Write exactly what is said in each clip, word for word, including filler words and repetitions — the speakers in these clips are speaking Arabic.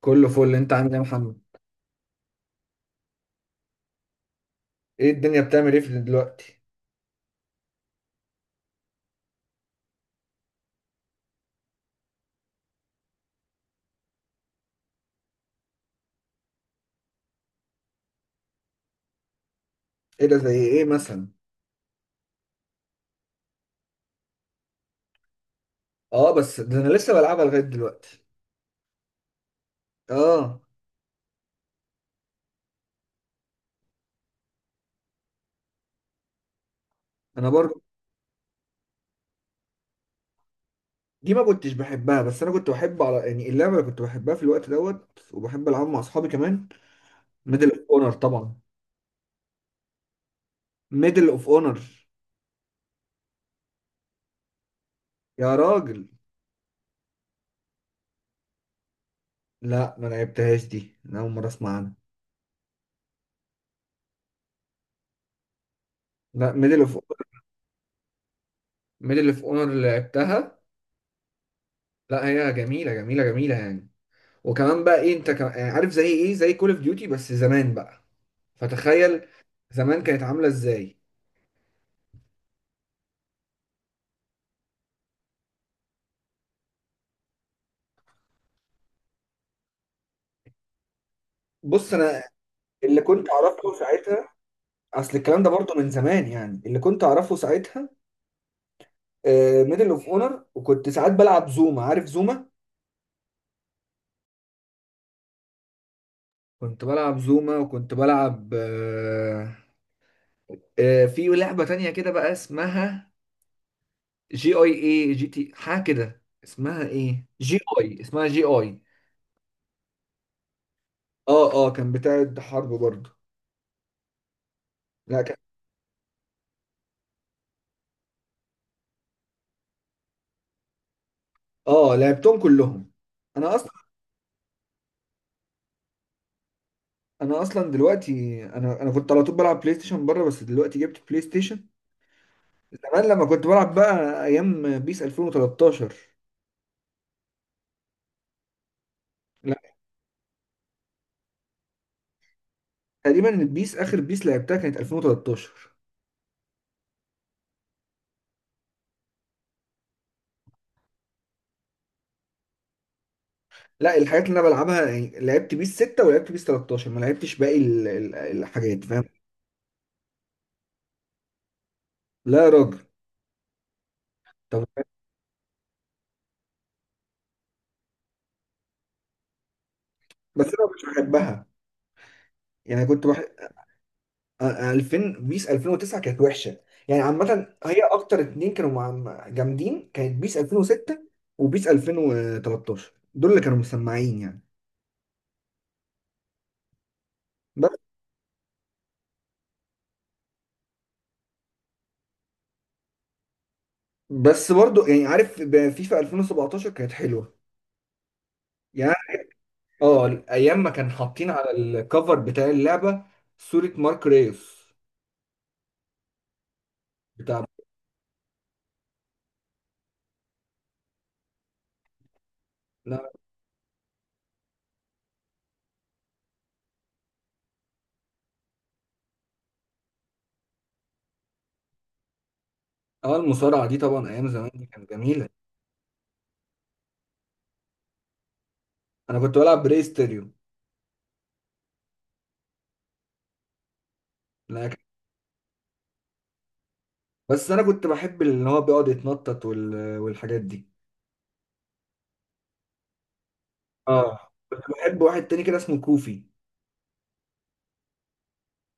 كله فل، انت عامل ايه يا محمد؟ ايه الدنيا بتعمل ايه في دلوقتي؟ ايه ده؟ زي ايه مثلا؟ اه، بس ده انا لسه بلعبها لغايه دلوقتي. اه انا برضو. دي ما كنتش بحبها، بس انا كنت بحب على يعني اللعبه اللي كنت بحبها في الوقت دوت وبحب العبها مع اصحابي كمان. ميدل اوف اونر طبعا. ميدل اوف اونر. يا راجل. لا ما لعبتهاش دي، انا اول مره اسمع عنها. لا ميدل اوف. ميدل اوف اونر اللي لعبتها. لا هي جميله جميله جميله يعني. وكمان بقى ايه، انت كمان يعني عارف زي ايه، زي كول اوف ديوتي بس زمان بقى. فتخيل. زمان كانت عامله ازاي. بص انا. اللي كنت اعرفه ساعتها. اصل الكلام ده برضه من زمان، يعني اللي كنت اعرفه ساعتها ميدل اوف اونر. وكنت ساعات بلعب زوما، عارف زوما. كنت بلعب زوما، وكنت بلعب آه، آه، في لعبه تانية كده بقى اسمها جي اي اي جي تي حاجه كده، اسمها ايه، جي اي، اسمها جي اي. اه اه كان بتاعت حرب برضه. لا كان. اه لعبتهم كلهم. انا. انا اصلا دلوقتي انا انا كنت على طول بلعب بلاي ستيشن بره، بس دلوقتي جبت بلاي ستيشن. زمان لما كنت بلعب بقى ايام بيس ألفين وتلتاشر. لا. تقريبا البيس، اخر بيس لعبتها كانت ألفين وتلتاشر. لا الحاجات اللي انا بلعبها يعني لعبت بيس ستة ولعبت بيس تلتاشر، ما لعبتش باقي ال- ال- الحاجات فاهم. لا يا راجل. طب. بس انا مش بحبها. يعني كنت بحب آه، ألفين، بيس ألفين وتسعة كانت وحشه. يعني عامه هي اكتر اتنين كانوا مع- جامدين، كانت بيس ألفين وستة وبيس ألفين وتلاتاشر، دول اللي كانوا مسمعين يعني. بس. بس برضو يعني عارف ب- فيفا ألفين وسبعتاشر كانت حلوه يعني. اه ايام ما كان حاطين على الكفر بتاع اللعبه صوره مارك ريوس بتاع. لا. اه المصارعه دي طبعا ايام زمان دي كانت جميله. انا كنت بلعب بري ستيريو. لا. بس انا كنت بحب اللي هو بيقعد يتنطط وال- والحاجات دي. اه كنت بحب واحد تاني كده اسمه كوفي.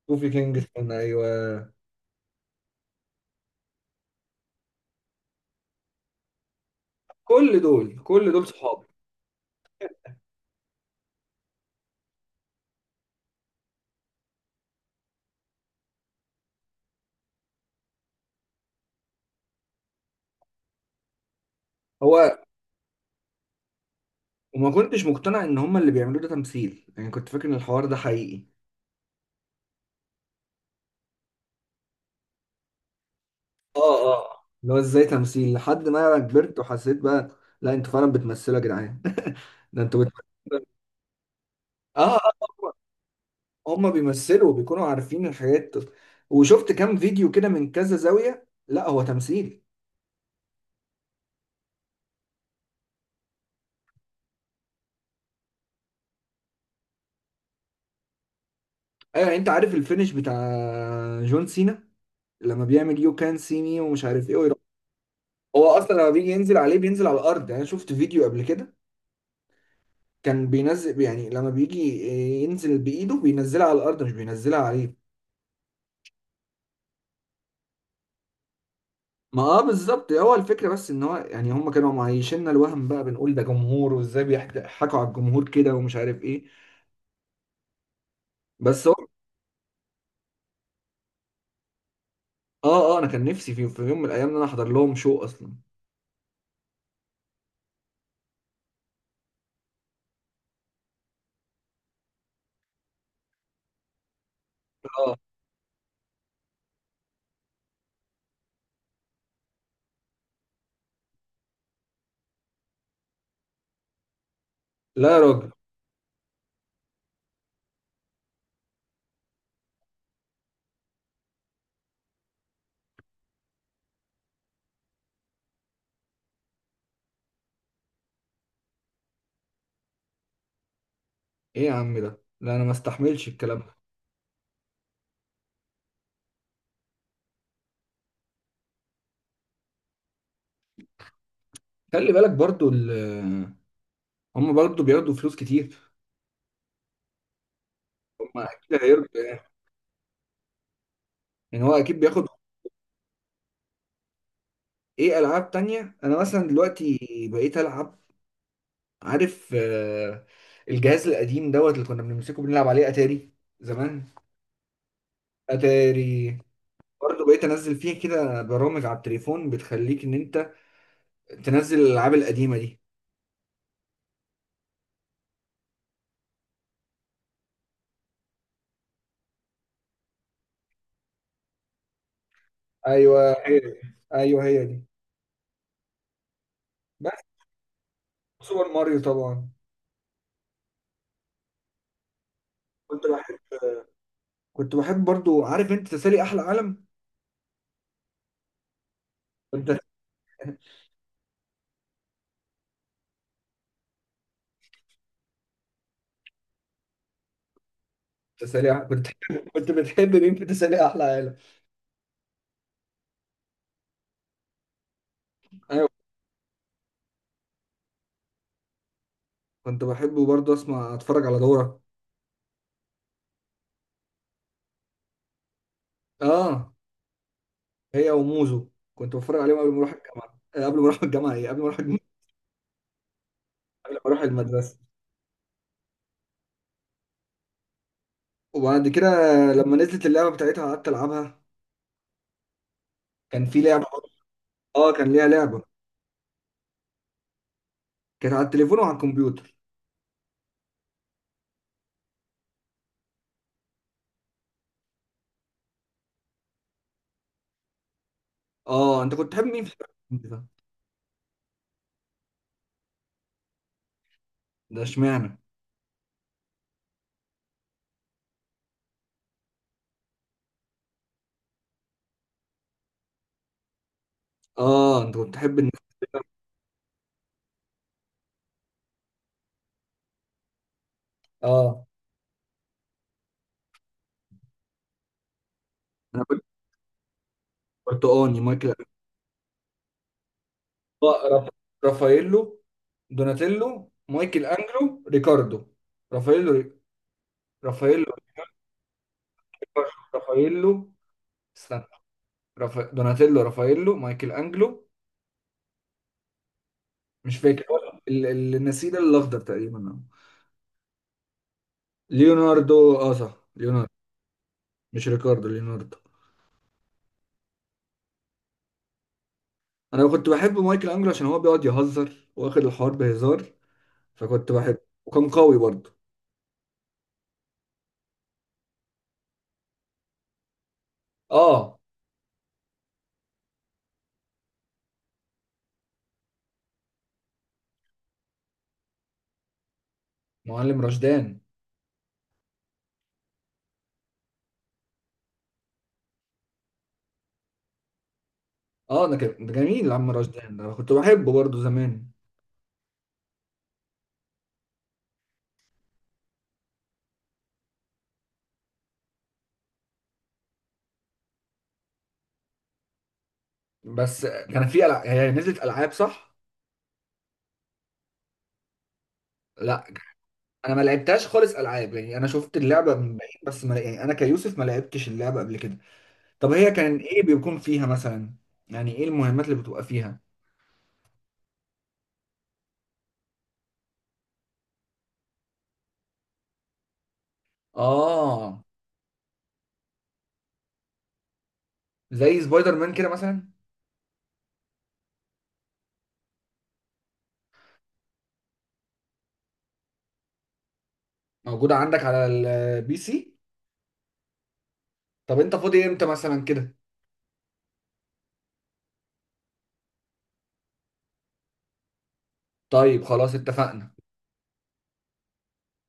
كوفي كينج، كان ايوه. كل دول كل دول صحابي. هو. وما كنتش مقتنع ان هم اللي بيعملوه ده تمثيل، يعني كنت فاكر ان الحوار ده حقيقي. اه اه اللي هو ازاي تمثيل، لحد ما كبرت وحسيت بقى. لا انتوا فعلا بتمثلوا يا جدعان. ده انتوا بتمثلوا. اه اه هم هم بيمثلوا، بيكونوا عارفين الحاجات. وشفت كام فيديو كده من كذا زاوية، لا هو تمثيل. ايوه، يعني انت عارف الفينش بتاع جون سينا، لما بيعمل يو كان سي مي ومش عارف ايه ويروح. هو اصلا لما بيجي ينزل عليه بينزل على الارض، يعني انا شفت فيديو قبل كده. كان بينزل، يعني لما بيجي ينزل بايده بينزلها على الارض مش بينزلها عليه. ما اه بالظبط هو الفكره، بس ان هو يعني هم كانوا معيشنا الوهم بقى، بنقول ده جمهور، وازاي بيضحكوا على الجمهور كده ومش عارف ايه. بس هو. اه اه انا كان نفسي في, في يوم من الايام ان انا احضر لهم شو اصلا. اه. لا يا راجل. ايه يا عم ده، لا انا ما استحملش الكلام ده. خلي بالك برضو ال- هم برضو بياخدوا فلوس كتير. ما اكيد هيرضى يعني. يعني هو اكيد بياخد. ايه العاب تانية. انا مثلا دلوقتي بقيت العب، عارف، آه، الجهاز القديم دوت اللي كنا بنمسكه بنلعب عليه اتاري زمان. اتاري برضه. بقيت انزل فيها كده برامج على التليفون بتخليك ان انت تنزل الالعاب القديمه دي. ايوه هي دي. ايوه هي دي. بس. سوبر ماريو طبعا. كنت بحب. كنت بحب برضه، عارف انت تسالي احلى عالم. كنت تسالي أح- كنت كنت بتحب مين في تسالي احلى عالم. ايوه. كنت بحبه برضه، اسمع اتفرج على دورة. اه هي وموزو. كنت بتفرج عليهم قبل ما اروح الجامعة، آه، قبل ما اروح الجامعة، ايه، قبل ما اروح الجامعة، قبل ما اروح المدرسة. وبعد كده لما نزلت اللعبة بتاعتها قعدت العبها. كان في لعبة برضه. اه كان ليها لعبة. كانت على التليفون وعلى الكمبيوتر. اه، انت كنت تحب مين في الكمبيوتر ده؟ ده اشمعنى؟ اه، انت كنت تحب الناس. اه انا كنت برتقاني، مايكل أنجلو. آه، راف- رافاييلو، دوناتيلو، مايكل انجلو، ريكاردو، رافاييلو، رافاييلو، رافاييلو. استنى. رافا... دوناتيلو، رافاييلو، مايكل انجلو، مش فاكر هو. ال- ال- النسيج الاخضر تقريبا آه. ليوناردو. اه صح، ليوناردو. مش ريكاردو، ليوناردو. انا كنت بحب مايكل انجلو عشان هو بيقعد يهزر، واخد الحوار بهزار، فكنت بحبه. وكان قوي برضه. اه معلم رشدان. اه ده كان ده جميل، عم رشدان ده أنا كنت بحبه برضه زمان. بس كان في ألع... هي نزلت العاب صح؟ لا انا ما لعبتهاش خالص العاب، يعني انا شفت اللعبه من بعيد بس، ما يعني انا كيوسف ما لعبتش اللعبه قبل كده. طب هي كان ايه بيكون فيها مثلا؟ يعني ايه المهمات اللي بتبقى فيها؟ اه. زي سبايدر مان كده مثلا. موجوده عندك على البي سي. طب انت فاضي امتى مثلا كده؟ طيب خلاص اتفقنا.